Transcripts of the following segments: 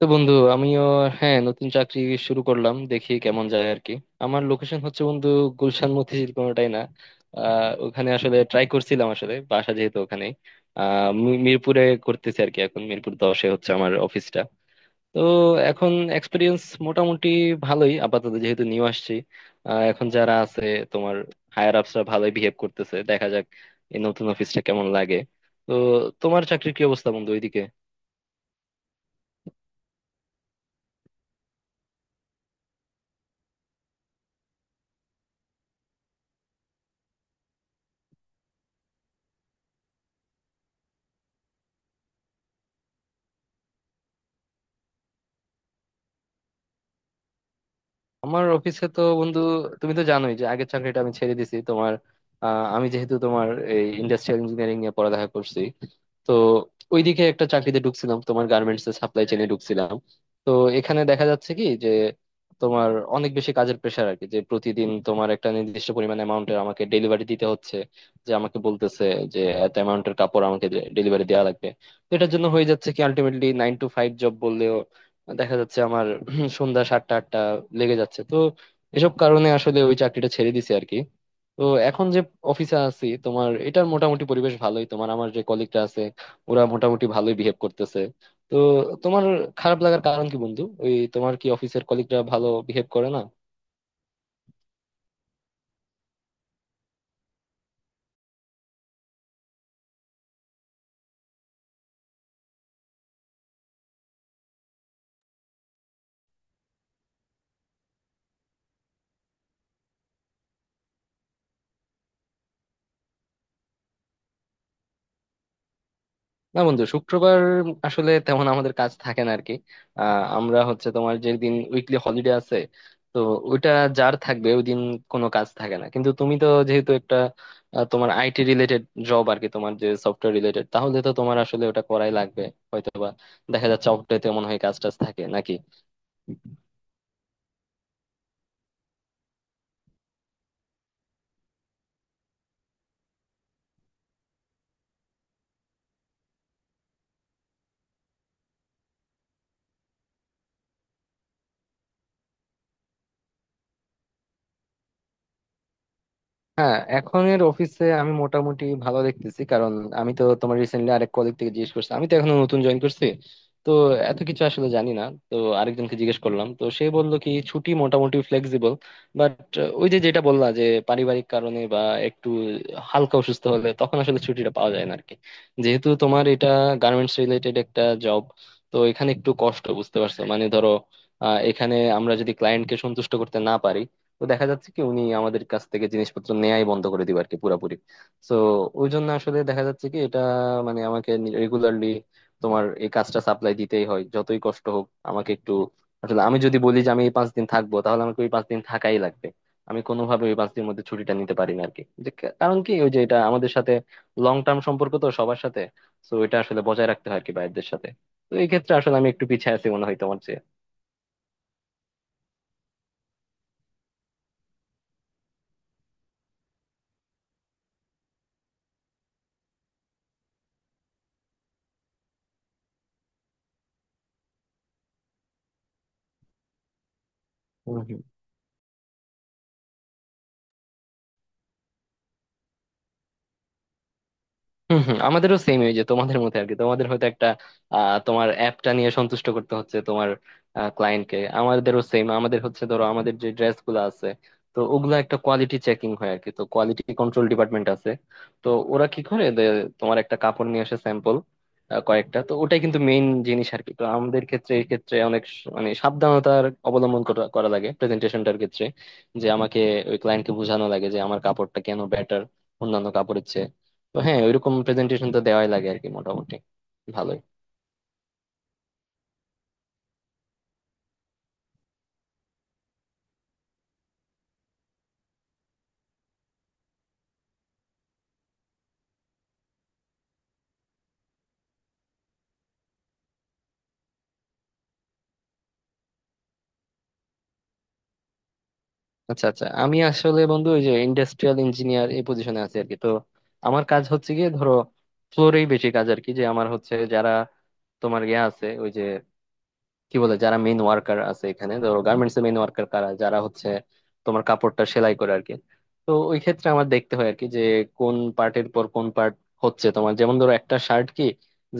তো বন্ধু আমিও, হ্যাঁ, নতুন চাকরি শুরু করলাম, দেখি কেমন যায় আর কি। আমার লোকেশন হচ্ছে বন্ধু, গুলশান মতিঝিল কোনোটাই না। ওখানে আসলে ট্রাই করছিলাম, আসলে বাসা যেহেতু ওখানে। মিরপুরে করতেছি আর কি, এখন মিরপুর 10-এ হচ্ছে আমার অফিসটা। তো এখন এক্সপিরিয়েন্স মোটামুটি ভালোই, আপাতত যেহেতু নিউ আসছি। এখন যারা আছে, তোমার হায়ার আপসরা, ভালোই বিহেভ করতেছে। দেখা যাক এই নতুন অফিসটা কেমন লাগে। তো তোমার চাকরির কি অবস্থা বন্ধু ওইদিকে? আমার অফিসে তো বন্ধু, তুমি তো জানোই যে আগের চাকরিটা আমি ছেড়ে দিছি তোমার। আমি যেহেতু তোমার এই ইন্ডাস্ট্রিয়াল ইঞ্জিনিয়ারিং নিয়ে পড়ালেখা করছি, তো ওইদিকে একটা চাকরিতে ঢুকছিলাম, তোমার গার্মেন্টস এর সাপ্লাই চেইনে ঢুকছিলাম। তো এখানে দেখা যাচ্ছে কি যে তোমার অনেক বেশি কাজের প্রেশার আর কি, যে প্রতিদিন তোমার একটা নির্দিষ্ট পরিমাণ অ্যামাউন্টের আমাকে ডেলিভারি দিতে হচ্ছে। যে আমাকে বলতেছে যে এত অ্যামাউন্টের কাপড় আমাকে ডেলিভারি দেওয়া লাগবে। তো এটার জন্য হয়ে যাচ্ছে কি, আলটিমেটলি 9 টু 5 জব বললেও দেখা যাচ্ছে আমার সন্ধ্যা সাতটা আটটা লেগে যাচ্ছে। তো এসব কারণে আসলে ওই চাকরিটা ছেড়ে দিছি আর কি। তো এখন যে অফিসে আছি তোমার, এটার মোটামুটি পরিবেশ ভালোই, তোমার আমার যে কলিগরা আছে ওরা মোটামুটি ভালোই বিহেভ করতেছে। তো তোমার খারাপ লাগার কারণ কি বন্ধু? ওই তোমার কি অফিসের কলিগরা ভালো বিহেভ করে না? না বন্ধু, শুক্রবার আসলে তেমন আমাদের কাজ থাকে না আরকি। আমরা হচ্ছে তোমার, যে দিন উইকলি হলিডে আছে, তো ওইটা যার থাকবে ওই দিন কোনো কাজ থাকে না। কিন্তু তুমি তো যেহেতু একটা তোমার আইটি রিলেটেড জব আর কি, তোমার যে সফটওয়্যার রিলেটেড, তাহলে তো তোমার আসলে ওটা করাই লাগবে। হয়তো বা দেখা যাচ্ছে অফ ডেতে মনে হয় কাজ টাজ থাকে নাকি? হ্যাঁ, এখনের অফিসে আমি মোটামুটি ভালো দেখতেছি। কারণ আমি তো তোমার রিসেন্টলি আরেক কলিগ থেকে জিজ্ঞেস করছি, আমি তো এখনো নতুন জয়েন করছি, তো এত কিছু আসলে জানি না। তো আরেকজনকে জিজ্ঞেস করলাম, তো সে বললো কি ছুটি মোটামুটি ফ্লেক্সিবল। বাট ওই যে যেটা বললা যে পারিবারিক কারণে বা একটু হালকা অসুস্থ হলে তখন আসলে ছুটিটা পাওয়া যায় না আরকি। যেহেতু তোমার এটা গার্মেন্টস রিলেটেড একটা জব, তো এখানে একটু কষ্ট, বুঝতে পারছো? মানে ধরো, এখানে আমরা যদি ক্লায়েন্টকে সন্তুষ্ট করতে না পারি, তো দেখা যাচ্ছে কি উনি আমাদের কাছ থেকে জিনিসপত্র নেয়াই বন্ধ করে দিবে আর কি, পুরাপুরি। তো ওই জন্য আসলে দেখা যাচ্ছে কি, এটা মানে আমাকে রেগুলারলি তোমার এই কাজটা সাপ্লাই দিতেই হয়, যতই কষ্ট হোক। আমাকে একটু, আসলে আমি যদি বলি যে আমি এই পাঁচ দিন থাকবো, তাহলে আমাকে ওই 5 দিন থাকাই লাগবে। আমি কোনোভাবে ওই 5 দিনের মধ্যে ছুটিটা নিতে পারি না আর কি। যে কারণ কি, ওই যে এটা আমাদের সাথে লং টার্ম সম্পর্ক তো সবার সাথে, তো এটা আসলে বজায় রাখতে হয় আর কি বাইরদের সাথে। তো এই ক্ষেত্রে আসলে আমি একটু পিছিয়ে আছি মনে হয় তোমার চেয়ে। হম হম, আমাদেরও সেম, এই যে তোমাদের মধ্যে আর কি, তোমাদের হয়তো একটা তোমার অ্যাপটা নিয়ে সন্তুষ্ট করতে হচ্ছে তোমার ক্লায়েন্টকে, আমাদেরও সেম। আমাদের হচ্ছে ধরো, আমাদের যে ড্রেস গুলো আছে, তো ওগুলা একটা কোয়ালিটি চেকিং হয় আর কি, তো কোয়ালিটি কন্ট্রোল ডিপার্টমেন্ট আছে। তো ওরা কি করে যে তোমার একটা কাপড় নিয়ে আসে, স্যাম্পল কয়েকটা, তো ওটাই কিন্তু মেইন জিনিস আর কি। তো আমাদের ক্ষেত্রে এই ক্ষেত্রে অনেক মানে সাবধানতার অবলম্বন করা করা লাগে প্রেজেন্টেশনটার ক্ষেত্রে। যে আমাকে ওই ক্লায়েন্টকে বোঝানো লাগে যে আমার কাপড়টা কেন বেটার অন্যান্য কাপড়ের চেয়ে। তো হ্যাঁ, ওইরকম প্রেজেন্টেশন তো দেওয়াই লাগে আর কি, মোটামুটি ভালোই। আচ্ছা আচ্ছা, আমি আসলে বন্ধু ওই যে ইন্ডাস্ট্রিয়াল ইঞ্জিনিয়ার, এই পজিশনে আছি আর কি। তো আমার কাজ হচ্ছে গিয়ে ধরো ফ্লোরেই বেশি কাজ আর কি। যে আমার হচ্ছে যারা তোমার ইয়ে আছে, ওই যে কি বলে, যারা মেইন ওয়ার্কার আছে, এখানে ধরো গার্মেন্টস এর মেইন ওয়ার্কার কারা, যারা হচ্ছে তোমার কাপড়টা সেলাই করে আর কি। তো ওই ক্ষেত্রে আমার দেখতে হয় আর কি, যে কোন পার্টের পর কোন পার্ট হচ্ছে তোমার। যেমন ধরো একটা শার্ট, কি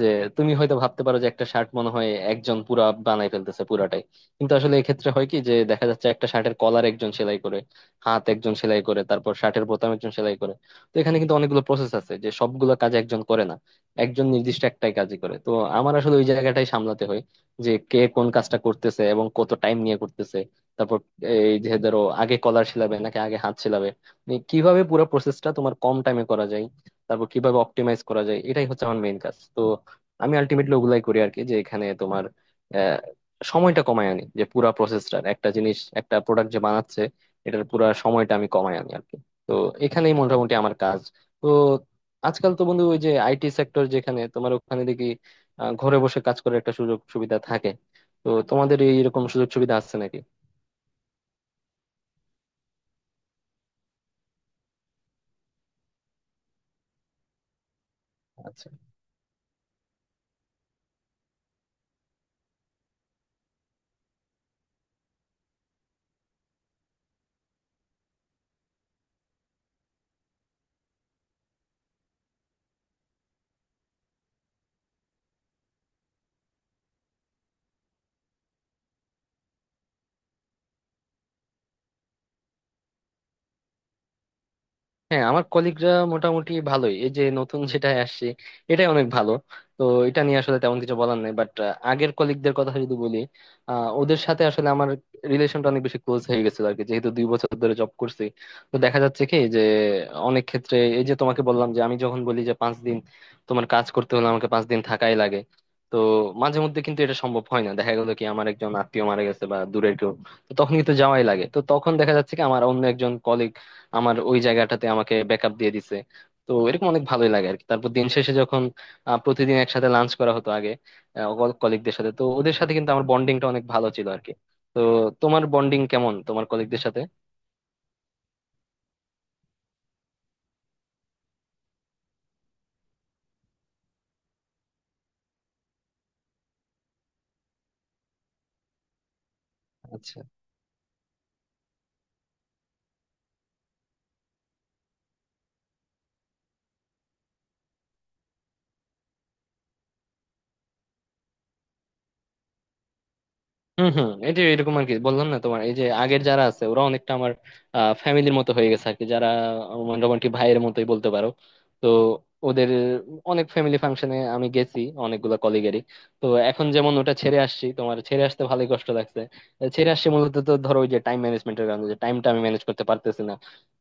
যে তুমি হয়তো ভাবতে পারো যে একটা শার্ট মনে হয় একজন পুরা বানাই ফেলতেছে পুরাটাই। কিন্তু আসলে এক্ষেত্রে হয় কি যে দেখা যাচ্ছে একটা শার্টের কলার একজন সেলাই করে, হাত একজন সেলাই করে, তারপর শার্টের বোতাম একজন সেলাই করে। তো এখানে কিন্তু অনেকগুলো প্রসেস আছে, যে সবগুলো কাজ একজন করে না, একজন নির্দিষ্ট একটাই কাজই করে। তো আমার আসলে ওই জায়গাটাই সামলাতে হয়, যে কে কোন কাজটা করতেছে এবং কত টাইম নিয়ে করতেছে। তারপর এই যে ধরো আগে কলার শিলাবে নাকি আগে হাত শিলাবে, মানে কিভাবে পুরো প্রসেসটা তোমার কম টাইমে করা যায়, তারপর কিভাবে অপটিমাইজ করা যায়, এটাই হচ্ছে আমার মেইন কাজ। তো আমি আলটিমেটলি ওগুলাই করি আর কি, যে এখানে তোমার আহ, সময়টা কমায় আনি। যে পুরা প্রসেসটার, একটা জিনিস একটা প্রোডাক্ট যে বানাচ্ছে, এটার পুরা সময়টা আমি কমায় আনি আর কি। তো এখানেই মোটামুটি আমার কাজ। তো আজকাল তো বন্ধু ওই যে আইটি সেক্টর, যেখানে তোমার ওখানে দেখি ঘরে বসে কাজ করার একটা সুযোগ সুবিধা থাকে। তো তোমাদের এই এরকম সুযোগ সুবিধা আছে নাকি? আচ্ছা। হ্যাঁ, আমার কলিগরা মোটামুটি ভালোই, এই যে নতুন যেটা আসছে এটাই অনেক ভালো। তো এটা নিয়ে আসলে তেমন কিছু বলার নেই, বাট আগের কলিগদের কথা যদি বলি, ওদের সাথে আসলে আমার রিলেশনটা অনেক বেশি ক্লোজ হয়ে গেছিল আর কি, যেহেতু 2 বছর ধরে জব করছি। তো দেখা যাচ্ছে কি যে অনেক ক্ষেত্রে এই যে তোমাকে বললাম যে, আমি যখন বলি যে 5 দিন তোমার কাজ করতে হলে, আমাকে 5 দিন থাকাই লাগে। তো মাঝে মধ্যে কিন্তু এটা সম্ভব হয় না, দেখা গেলো কি আমার একজন আত্মীয় মারা গেছে বা দূরের কেউ, তো তখন কিন্তু যাওয়াই লাগে। তো তখন দেখা যাচ্ছে কি আমার অন্য একজন কলিগ আমার ওই জায়গাটাতে আমাকে ব্যাকআপ দিয়ে দিছে। তো এরকম অনেক ভালোই লাগে আর কি। তারপর দিন শেষে যখন প্রতিদিন একসাথে লাঞ্চ করা হতো আগে কলিগদের সাথে, তো ওদের সাথে কিন্তু আমার বন্ডিংটা অনেক ভালো ছিল আর কি। তো তোমার বন্ডিং কেমন তোমার কলিগদের সাথে? হম হম। এই যে এরকম আর কি, বললাম না তোমার, এই যে আগের যারা আছে, ওরা অনেকটা আমার ফ্যামিলির মতো হয়ে গেছে আর কি। যারা আমার মোটামুটি ভাইয়ের মতোই বলতে পারো। তো ওদের অনেক ফ্যামিলি ফাংশনে আমি গেছি, অনেকগুলো কলিগেরই। তো এখন যেমন ওটা ছেড়ে আসছি তোমার, ছেড়ে আসতে ভালোই কষ্ট লাগছে। ছেড়ে আসছি মূলত তো ধরো ওই যে টাইম ম্যানেজমেন্টের কারণে, যে টাইমটা আমি ম্যানেজ করতে পারতেছি না।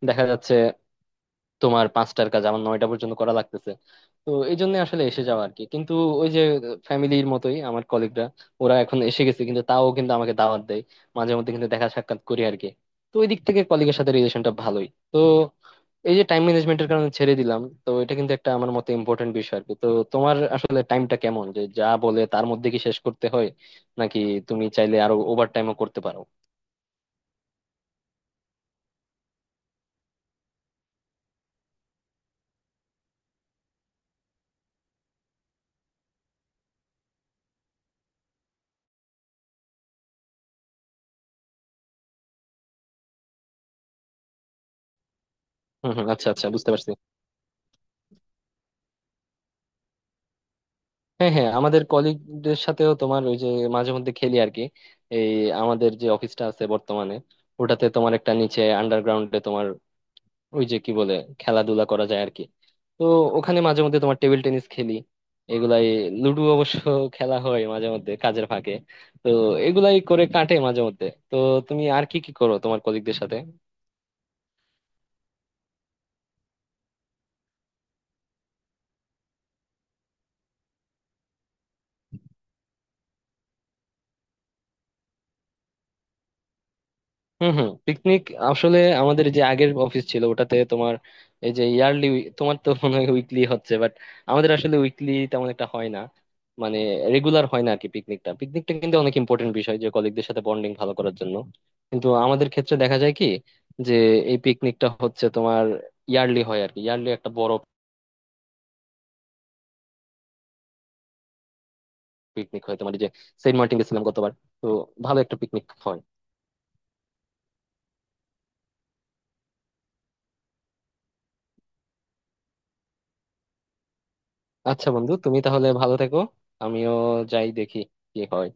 দেখা যাচ্ছে তোমার পাঁচটার কাজ আমার নয়টা পর্যন্ত করা লাগতেছে। তো এই জন্য আসলে এসে যাওয়া আর কি। কিন্তু ওই যে ফ্যামিলির মতোই আমার কলিগরা, ওরা এখন এসে গেছে কিন্তু তাও কিন্তু আমাকে দাওয়াত দেয়, মাঝে মধ্যে কিন্তু দেখা সাক্ষাৎ করি আর কি। তো ওই দিক থেকে কলিগের সাথে রিলেশনটা ভালোই। তো এই যে টাইম ম্যানেজমেন্টের কারণে ছেড়ে দিলাম, তো এটা কিন্তু একটা আমার মতে ইম্পর্টেন্ট বিষয় আর কি। তো তোমার আসলে টাইমটা কেমন, যে যা বলে তার মধ্যে কি শেষ করতে হয়, নাকি তুমি চাইলে আরো ওভার টাইমও করতে পারো? হম হম, আচ্ছা আচ্ছা, বুঝতে পারছি। হ্যাঁ হ্যাঁ, আমাদের কলিগদের সাথেও তোমার ওই যে মাঝে মধ্যে খেলি আর কি। এই আমাদের যে অফিসটা আছে বর্তমানে, ওটাতে তোমার একটা নিচে আন্ডারগ্রাউন্ডে, তোমার ওই যে কি বলে, খেলাধুলা করা যায় আর কি। তো ওখানে মাঝে মধ্যে তোমার টেবিল টেনিস খেলি, এগুলাই। লুডো অবশ্য খেলা হয় মাঝে মধ্যে কাজের ফাঁকে। তো এগুলাই করে কাটে মাঝে মধ্যে। তো তুমি আর কি কি করো তোমার কলিগদের সাথে? হম হম, পিকনিক। আসলে আমাদের যে আগের অফিস ছিল, ওটাতে তোমার এই যে ইয়ারলি, তোমার তো মনে হয় উইকলি হচ্ছে, বাট আমাদের আসলে উইকলি তেমন একটা হয় না, মানে রেগুলার হয় না আর কি। পিকনিকটা, পিকনিকটা কিন্তু অনেক ইম্পর্টেন্ট বিষয়, যে কলিগদের সাথে বন্ডিং ভালো করার জন্য। কিন্তু আমাদের ক্ষেত্রে দেখা যায় কি, যে এই পিকনিকটা হচ্ছে তোমার ইয়ারলি হয় আর কি, ইয়ারলি একটা বড় পিকনিক হয় তোমার। এই যে সেন্ট মার্টিন গেছিলাম গতবার, তো ভালো একটা পিকনিক হয়। আচ্ছা বন্ধু, তুমি তাহলে ভালো থেকো। আমিও যাই, দেখি কি হয়।